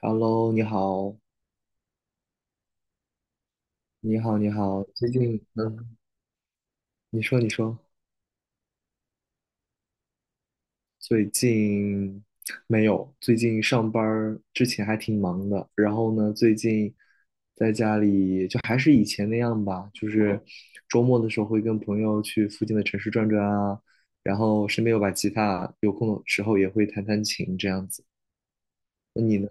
Hello，你好，你好，你好。最近，你说，最近没有，最近上班儿之前还挺忙的，然后呢，最近在家里就还是以前那样吧，就是周末的时候会跟朋友去附近的城市转转啊，然后身边有把吉他，有空的时候也会弹弹琴这样子。那你呢？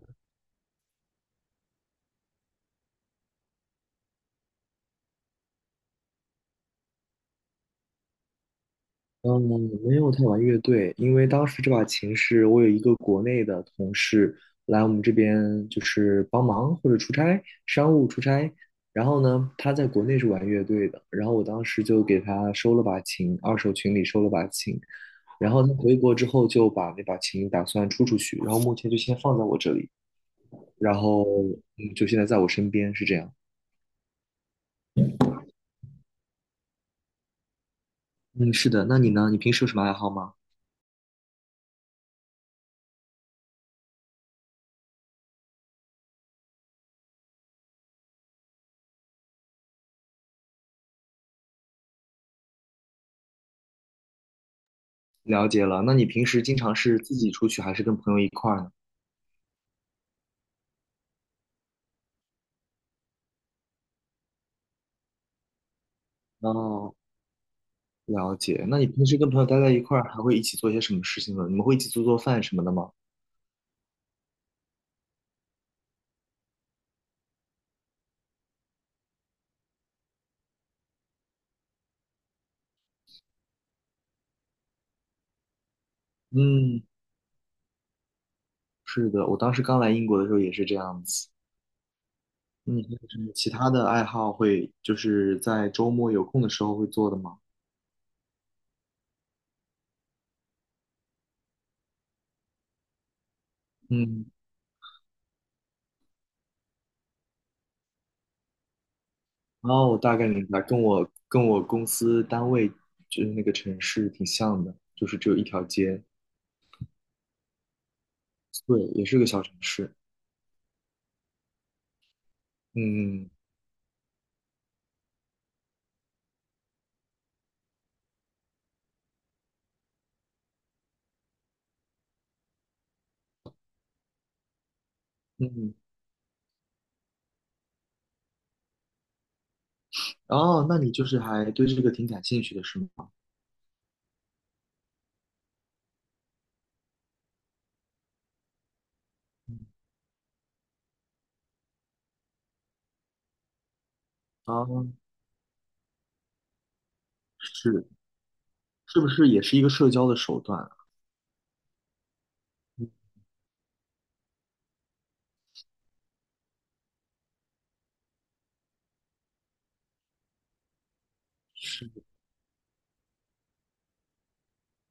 嗯，没有太玩乐队，因为当时这把琴是我有一个国内的同事来我们这边就是帮忙或者出差，商务出差。然后呢，他在国内是玩乐队的，然后我当时就给他收了把琴，二手群里收了把琴。然后他回国之后就把那把琴打算出去，然后目前就先放在我这里，然后就现在在我身边是这样。嗯，是的，那你呢？你平时有什么爱好吗？了解了，那你平时经常是自己出去还是跟朋友一块儿呢？哦，了解。那你平时跟朋友待在一块儿，还会一起做些什么事情呢？你们会一起做做饭什么的吗？嗯，是的，我当时刚来英国的时候也是这样子。嗯，有什么其他的爱好会，就是在周末有空的时候会做的吗？嗯，哦，我大概明白，跟我公司单位就是那个城市挺像的，就是只有一条街，对，也是个小城市。嗯嗯，嗯，哦，那你就是还对这个挺感兴趣的是吗？嗯，哦，是。是不是也是一个社交的手段啊？嗯，是的，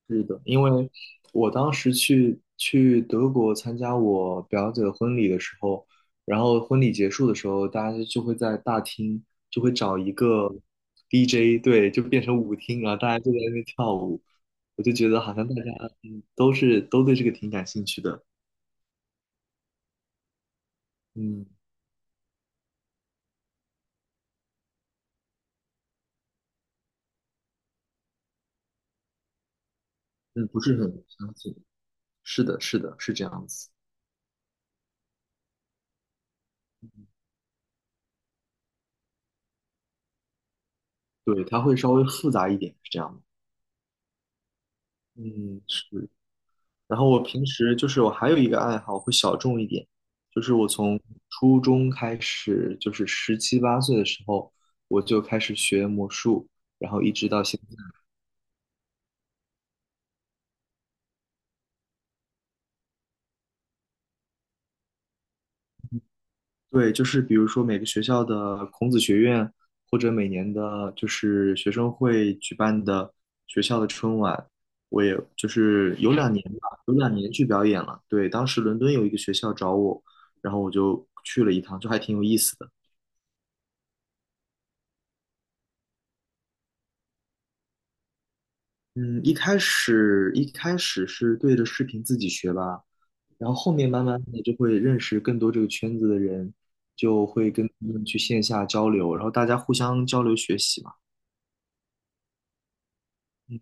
是的，因为我当时去德国参加我表姐的婚礼的时候，然后婚礼结束的时候，大家就会在大厅就会找一个 DJ，对，就变成舞厅，然后大家就在那边跳舞，我就觉得好像大家都对这个挺感兴趣的，嗯嗯，不是很相信，是的，是的，是这样子，对，它会稍微复杂一点，是这样的，嗯，是。然后我平时就是我还有一个爱好会小众一点，就是我从初中开始，就是十七八岁的时候，我就开始学魔术，然后一直到现在。对，就是比如说每个学校的孔子学院，或者每年的就是学生会举办的学校的春晚，我也就是有两年吧，有两年去表演了。对，当时伦敦有一个学校找我，然后我就去了一趟，就还挺有意思的。嗯，一开始是对着视频自己学吧，然后后面慢慢的就会认识更多这个圈子的人，就会跟他们去线下交流，然后大家互相交流学习嘛。嗯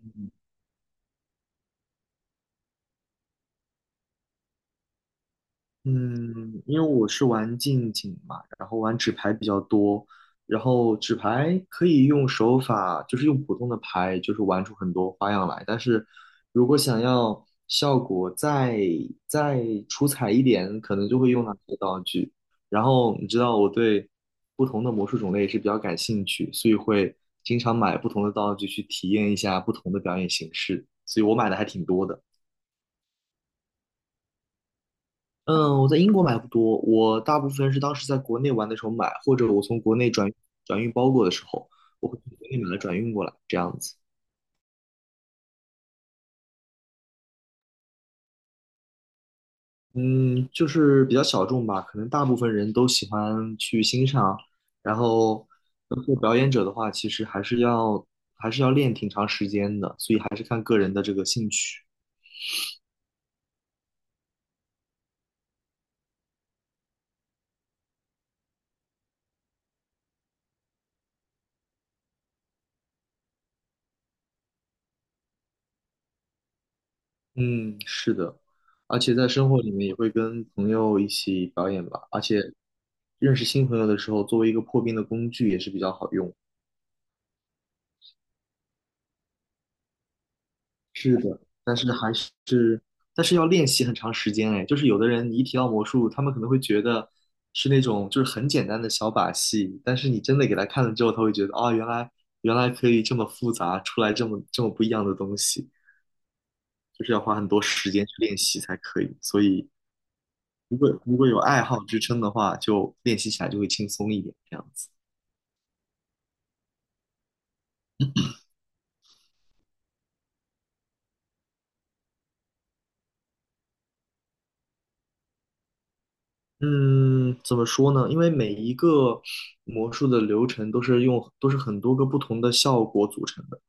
嗯，因为我是玩近景嘛，然后玩纸牌比较多，然后纸牌可以用手法，就是用普通的牌，就是玩出很多花样来。但是如果想要效果再出彩一点，可能就会用到这些道具。然后你知道我对不同的魔术种类也是比较感兴趣，所以会经常买不同的道具去体验一下不同的表演形式，所以我买的还挺多的。嗯，我在英国买不多，我大部分是当时在国内玩的时候买，或者我从国内转运包裹的时候，我会从国内买了转运过来，这样子。嗯，就是比较小众吧，可能大部分人都喜欢去欣赏，然后做表演者的话，其实还是要练挺长时间的，所以还是看个人的这个兴趣。嗯，是的，而且在生活里面也会跟朋友一起表演吧，而且认识新朋友的时候，作为一个破冰的工具也是比较好用。是的，但是还是，但是要练习很长时间哎，就是有的人你一提到魔术，他们可能会觉得是那种就是很简单的小把戏，但是你真的给他看了之后，他会觉得啊、原来可以这么复杂，出来这么不一样的东西，就是要花很多时间去练习才可以，所以如果有爱好支撑的话，就练习起来就会轻松一点，这样子。嗯，怎么说呢？因为每一个魔术的流程都是很多个不同的效果组成的，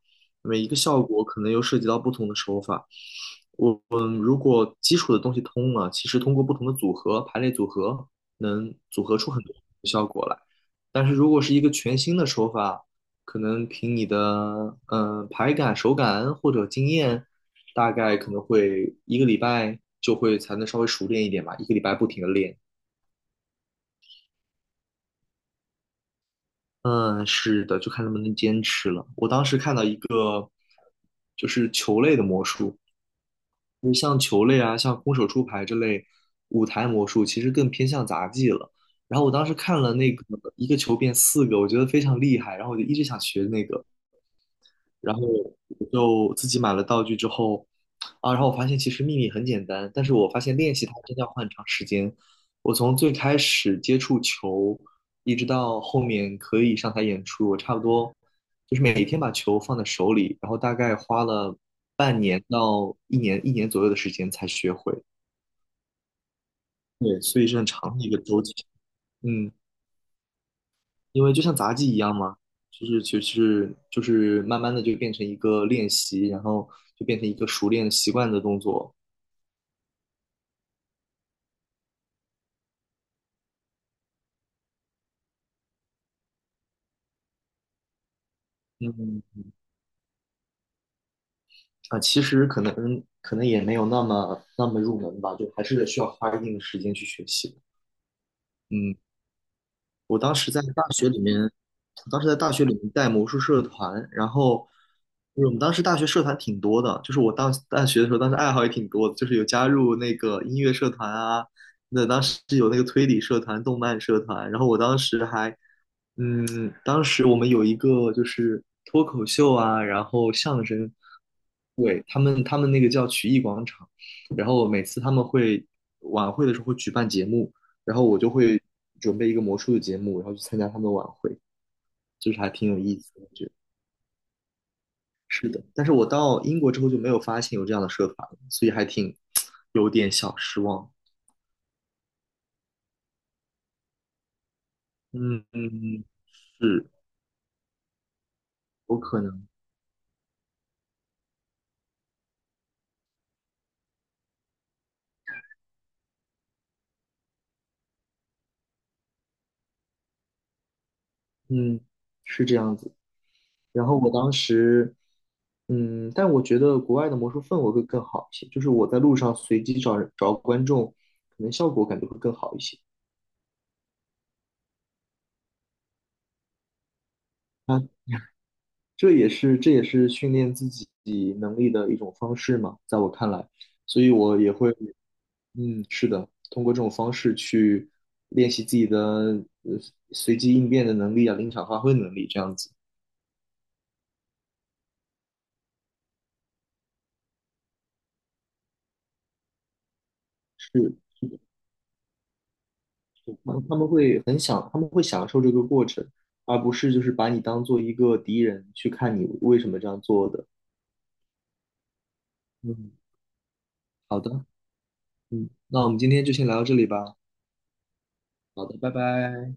每一个效果可能又涉及到不同的手法，我们如果基础的东西通了，其实通过不同的组合、排列组合，能组合出很多效果来。但是如果是一个全新的手法，可能凭你的排感、手感或者经验，大概可能会一个礼拜就会才能稍微熟练一点吧，一个礼拜不停的练。嗯，是的，就看能不能坚持了。我当时看到一个就是球类的魔术，就像球类啊，像空手出牌这类舞台魔术，其实更偏向杂技了。然后我当时看了那个一个球变四个，我觉得非常厉害，然后我就一直想学那个。然后我就自己买了道具之后，啊，然后我发现其实秘密很简单，但是我发现练习它真的要花很长时间。我从最开始接触球，一直到后面可以上台演出，我差不多就是每天把球放在手里，然后大概花了半年到一年左右的时间才学会。对，所以是很长的一个周期。嗯。因为就像杂技一样嘛，就是其实就是慢慢的就变成一个练习，然后就变成一个熟练习惯的动作。嗯，啊，其实可能也没有那么入门吧，就还是需要花一定的时间去学习的，嗯，我当时在大学里面，我当时在大学里面带魔术社团，然后就是我们当时大学社团挺多的，就是我当大学的时候，当时爱好也挺多的，就是有加入那个音乐社团啊，那当时有那个推理社团、动漫社团，然后我当时还，当时我们有一个就是脱口秀啊，然后相声，对，他们那个叫曲艺广场，然后每次他们会晚会的时候会举办节目。然后我就会准备一个魔术的节目，然后去参加他们的晚会，就是还挺有意思的，我觉得。是的，但是我到英国之后就没有发现有这样的社团了，所以还挺 有点小失望。嗯嗯，是有可能，嗯，是这样子。然后我当时，但我觉得国外的魔术氛围会更好一些，就是我在路上随机找人找观众，可能效果感觉会更好一些。啊，这也是训练自己能力的一种方式嘛，在我看来，所以我也会，嗯，是的，通过这种方式去练习自己的呃随机应变的能力啊，临场发挥的能力这样子。是是的，是的，他们会很享，他们会享受这个过程，而不是就是把你当做一个敌人去看你为什么这样做的。嗯，好的，嗯，那我们今天就先聊到这里吧。好的，拜拜。